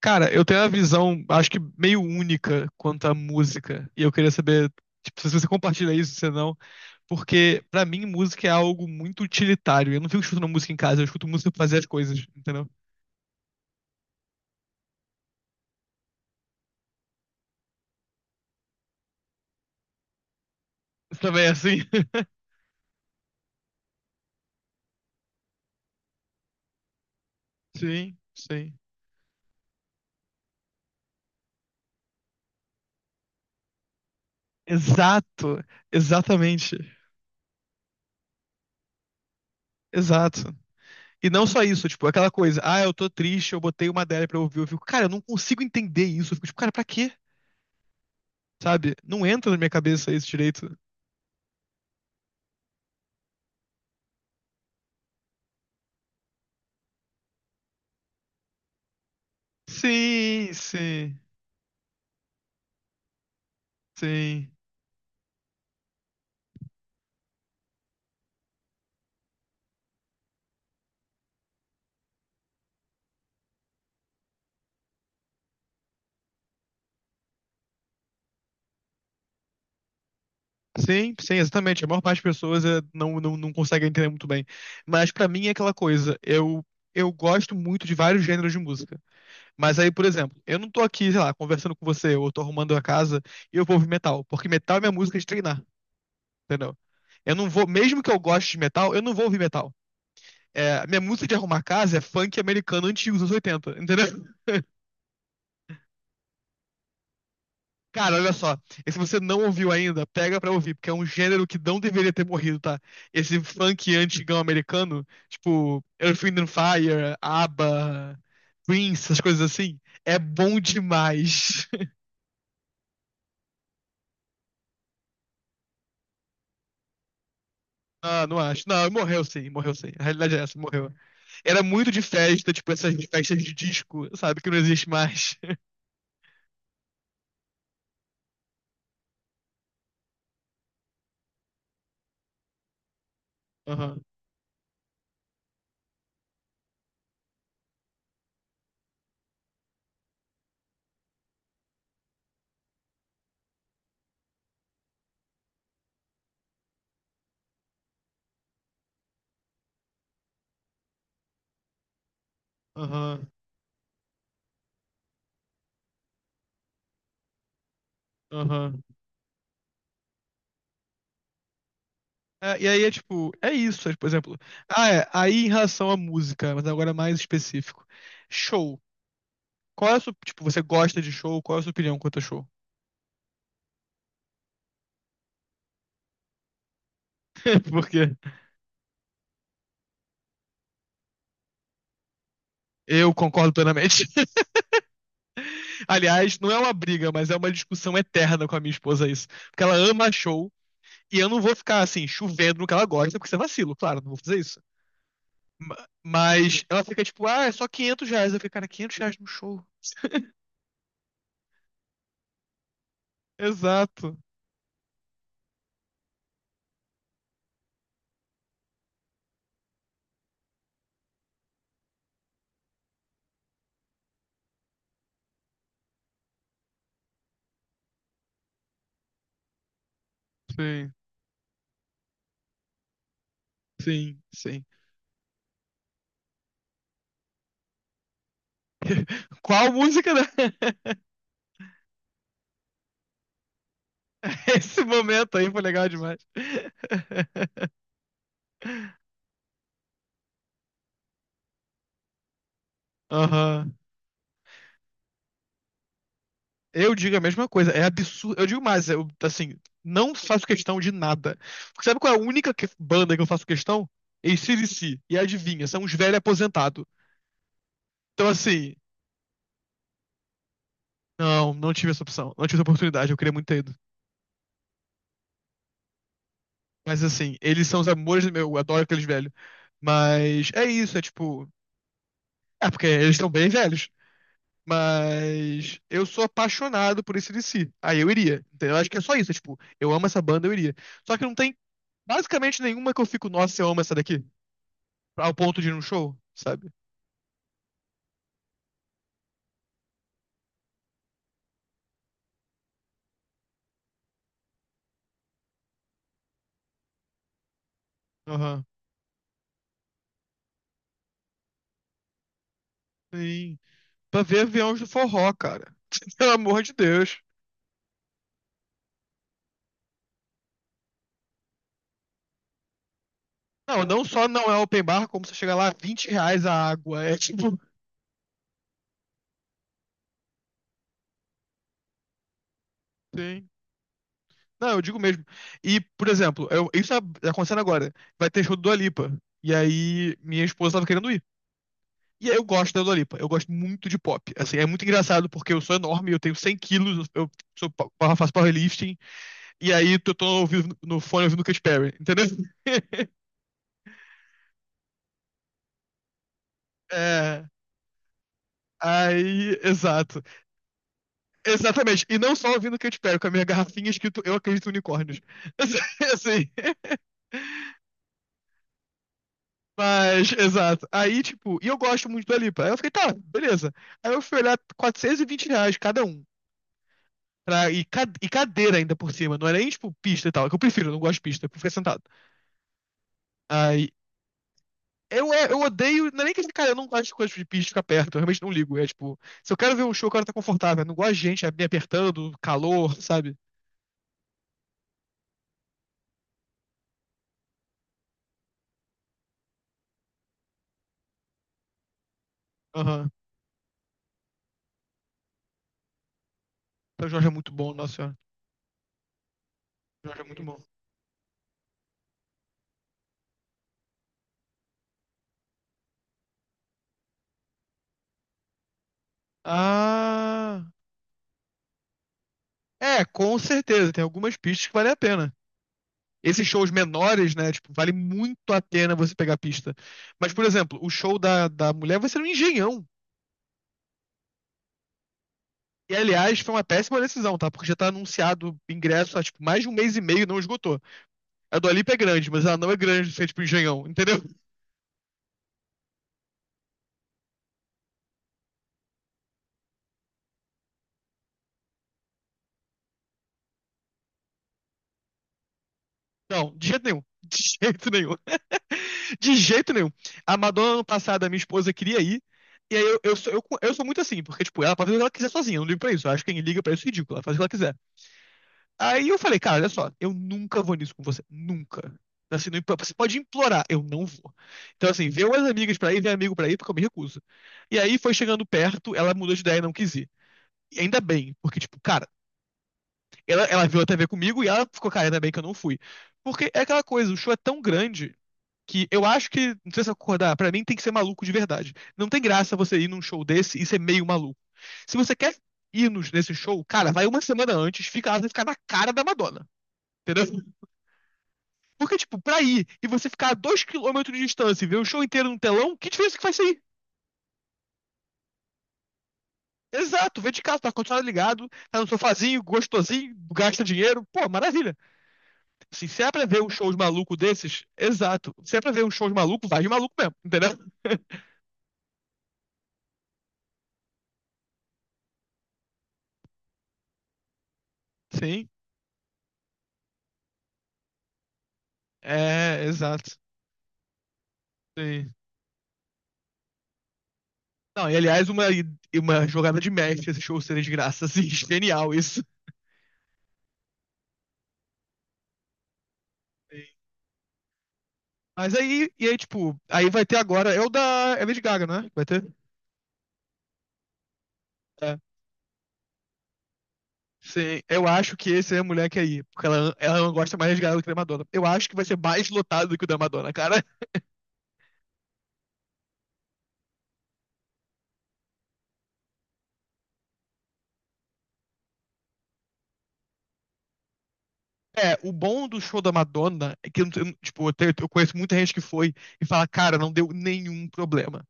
Cara, eu tenho uma visão, acho que meio única quanto à música. E eu queria saber, tipo, se você compartilha isso, se não. Porque, pra mim, música é algo muito utilitário. Eu não fico escutando música em casa, eu escuto música pra fazer as coisas, entendeu? Você também é assim? Sim, sim. Exato, exatamente. Exato. E não só isso, tipo, aquela coisa, ah, eu tô triste, eu botei uma dela pra ouvir, eu fico, cara, eu não consigo entender isso. Eu fico, tipo, cara, pra quê? Sabe? Não entra na minha cabeça isso direito. Sim, sim, sim. Sim, sim, exatamente. A maior parte das pessoas é, não consegue entender muito bem. Mas pra mim é aquela coisa. Eu gosto muito de vários gêneros de música. Mas aí, por exemplo, eu não tô aqui, sei lá, conversando com você, ou tô arrumando a casa e eu vou ouvir metal. Porque metal é minha música de treinar, entendeu? Eu não vou, mesmo que eu goste de metal, eu não vou ouvir metal. É, minha música de arrumar casa é funk americano antigo, dos anos 80, entendeu? Cara, olha só. E se você não ouviu ainda, pega pra ouvir, porque é um gênero que não deveria ter morrido, tá? Esse funk antigão americano, tipo Earth, Wind and Fire, ABBA, Prince, essas coisas assim, é bom demais. Ah, não acho. Não, morreu sim, morreu sim. A realidade é essa, morreu. Era muito de festa, tipo essas festas de disco, sabe? Que não existe mais. Aham, aham, aham. É, e aí é tipo, é isso, é, por exemplo. Ah, é, aí em relação à música, mas agora mais específico. Show. Qual é a sua, tipo, você gosta de show? Qual é a sua opinião quanto a show? Porque eu concordo plenamente. Aliás, não é uma briga, mas é uma discussão eterna com a minha esposa isso. Porque ela ama show e eu não vou ficar assim chovendo no que ela gosta, porque isso é vacilo, claro, não vou fazer isso. Mas ela fica tipo, ah, é só R$ 500. Eu fico, cara, R$ 500 no show. Exato. Sim, sim, sim. Qual música? Esse momento aí foi legal demais. Aham. Eu digo a mesma coisa, é absurdo. Eu digo mais, eu, assim, não faço questão de nada. Porque sabe qual é a única banda que eu faço questão? Ac C. E adivinha, são uns velhos aposentados. Então, assim, não tive essa opção. Não tive essa oportunidade, eu queria muito ter ido. Mas, assim, eles são os amores do meu, eu adoro aqueles velhos. Mas é isso, é tipo. É porque eles estão bem velhos. Mas eu sou apaixonado por esse DC. Aí eu iria. Entendeu? Eu acho que é só isso. É tipo, eu amo essa banda, eu iria. Só que não tem basicamente nenhuma que eu fico, nossa, eu amo essa daqui. Ao ponto de ir num show, sabe? Aham. Sim. Pra ver aviões do forró, cara. Pelo amor de Deus. Não, não só não é open bar, como você chega lá, R$ 20 a água. É tipo. Sim. Não, eu digo mesmo. E, por exemplo, isso tá acontecendo agora. Vai ter show do Dua Lipa. E aí, minha esposa tava querendo ir. E aí eu gosto da Dolipa, eu gosto muito de pop. Assim, é muito engraçado porque eu sou enorme, eu tenho 100 quilos, eu sou, eu faço powerlifting, e aí eu tô ouvindo, no fone ouvindo Katy Perry, entendeu? É, aí, exato. Exatamente, e não só ouvindo Katy Perry, com a minha garrafinha escrito Eu Acredito em Unicórnios. Assim, mas, exato. Aí, tipo, e eu gosto muito da Dua Lipa. Aí eu fiquei, tá, beleza. Aí eu fui olhar R$ 420 cada um. Pra, e, e cadeira ainda por cima, não era nem tipo pista e tal, é que eu prefiro, eu não gosto de pista, eu prefiro ficar sentado. Aí eu odeio. Não é nem que, cara, eu não gosto de coisas de bicho ficar perto, eu realmente não ligo. É tipo, se eu quero ver um show, eu quero estar confortável. Eu não gosto de gente me apertando, calor, sabe? Aham. Então o Jorge é muito bom, nossa senhora. O Jorge é muito bom. Ah. É, com certeza. Tem algumas pistas que valem a pena. Esses shows menores, né? Tipo, vale muito a pena você pegar a pista. Mas, por exemplo, o show da mulher vai ser no Engenhão. E, aliás, foi uma péssima decisão, tá? Porque já tá anunciado ingresso há, tipo, mais de um mês e meio e não esgotou. A Dua Lipa é grande, mas ela não é grande se é tipo engenhão, entendeu? Não, de jeito nenhum. De jeito nenhum. De jeito nenhum. A Madonna, ano passado, a minha esposa queria ir. E aí eu sou muito assim, porque, tipo, ela pode fazer o que ela quiser sozinha, eu não ligo pra isso. Eu acho que quem liga pra isso é ridículo, ela faz o que ela quiser. Aí eu falei, cara, olha só, eu nunca vou nisso com você. Nunca. Assim, não, você pode implorar, eu não vou. Então, assim, vê umas amigas pra ir, vê amigo pra ir, porque eu me recuso. E aí foi chegando perto, ela mudou de ideia e não quis ir. E ainda bem, porque, tipo, cara. Ela viu a TV comigo e ela ficou cara, ainda bem que eu não fui. Porque é aquela coisa, o show é tão grande que eu acho que, não sei se eu concordar, pra mim tem que ser maluco de verdade. Não tem graça você ir num show desse e ser meio maluco. Se você quer ir nesse show, cara, vai uma semana antes, fica lá, você ficar na cara da Madonna. Entendeu? Porque, tipo, pra ir e você ficar a 2 quilômetros de distância e ver o show inteiro no telão, que diferença que faz isso aí? Exato, vê de casa, tá com o ar-condicionado ligado, tá no sofazinho, gostosinho, gasta dinheiro, pô, maravilha. Assim, se é pra ver um show de maluco desses, exato. Se é pra ver um show de maluco, vai de maluco mesmo, entendeu? Sim, é, exato. Sim. Não, e aliás, uma jogada de mestre esse show seria de graça, assim, genial isso. Sim. Mas aí, e aí, tipo, aí vai ter agora, é o da Lady Gaga, né? Vai ter? É. Sim, eu acho que esse é a mulher que é aí, porque ela gosta mais de Gaga do que da Madonna. Eu acho que vai ser mais lotado do que o da Madonna, cara. É, o bom do show da Madonna é que eu, não- eu, tipo, eu, tenho- eu conheço muita gente que foi e fala, cara, não deu nenhum problema.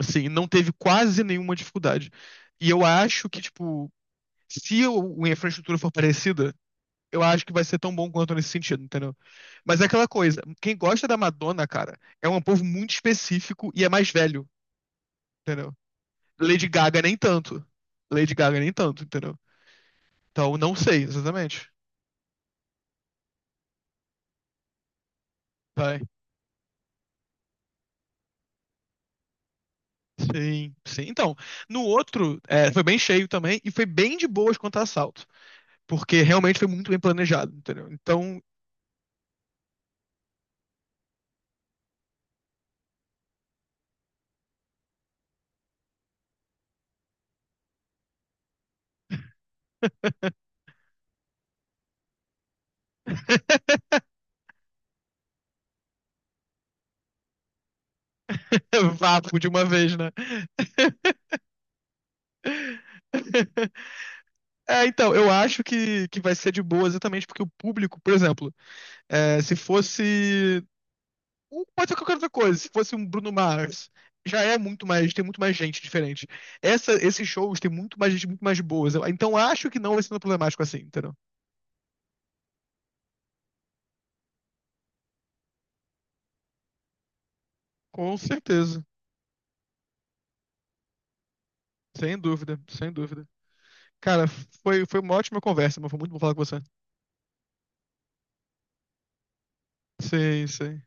Assim, não teve quase nenhuma dificuldade. E eu acho que, tipo, se a infraestrutura for parecida, eu acho que vai ser tão bom quanto nesse sentido, entendeu? Mas é aquela coisa, quem gosta da Madonna, cara, é um povo muito específico e é mais velho, entendeu? Lady Gaga nem tanto. Lady Gaga nem tanto, entendeu? Então, não sei exatamente. Vai. Sim, sim. Então, no outro, foi bem cheio também e foi bem de boas quanto a assalto, porque realmente foi muito bem planejado, entendeu? Então, vapo de uma vez, né? É, então, eu acho que vai ser de boa exatamente porque o público, por exemplo, se fosse. Ou pode ser qualquer outra coisa, se fosse um Bruno Mars, já é muito mais, tem muito mais gente diferente. Esses shows tem muito mais gente, muito mais boas. Então, acho que não vai ser tão problemático assim, entendeu? Com certeza. Sem dúvida, sem dúvida. Cara, foi uma ótima conversa, mas foi muito bom falar com você. Sim, sim.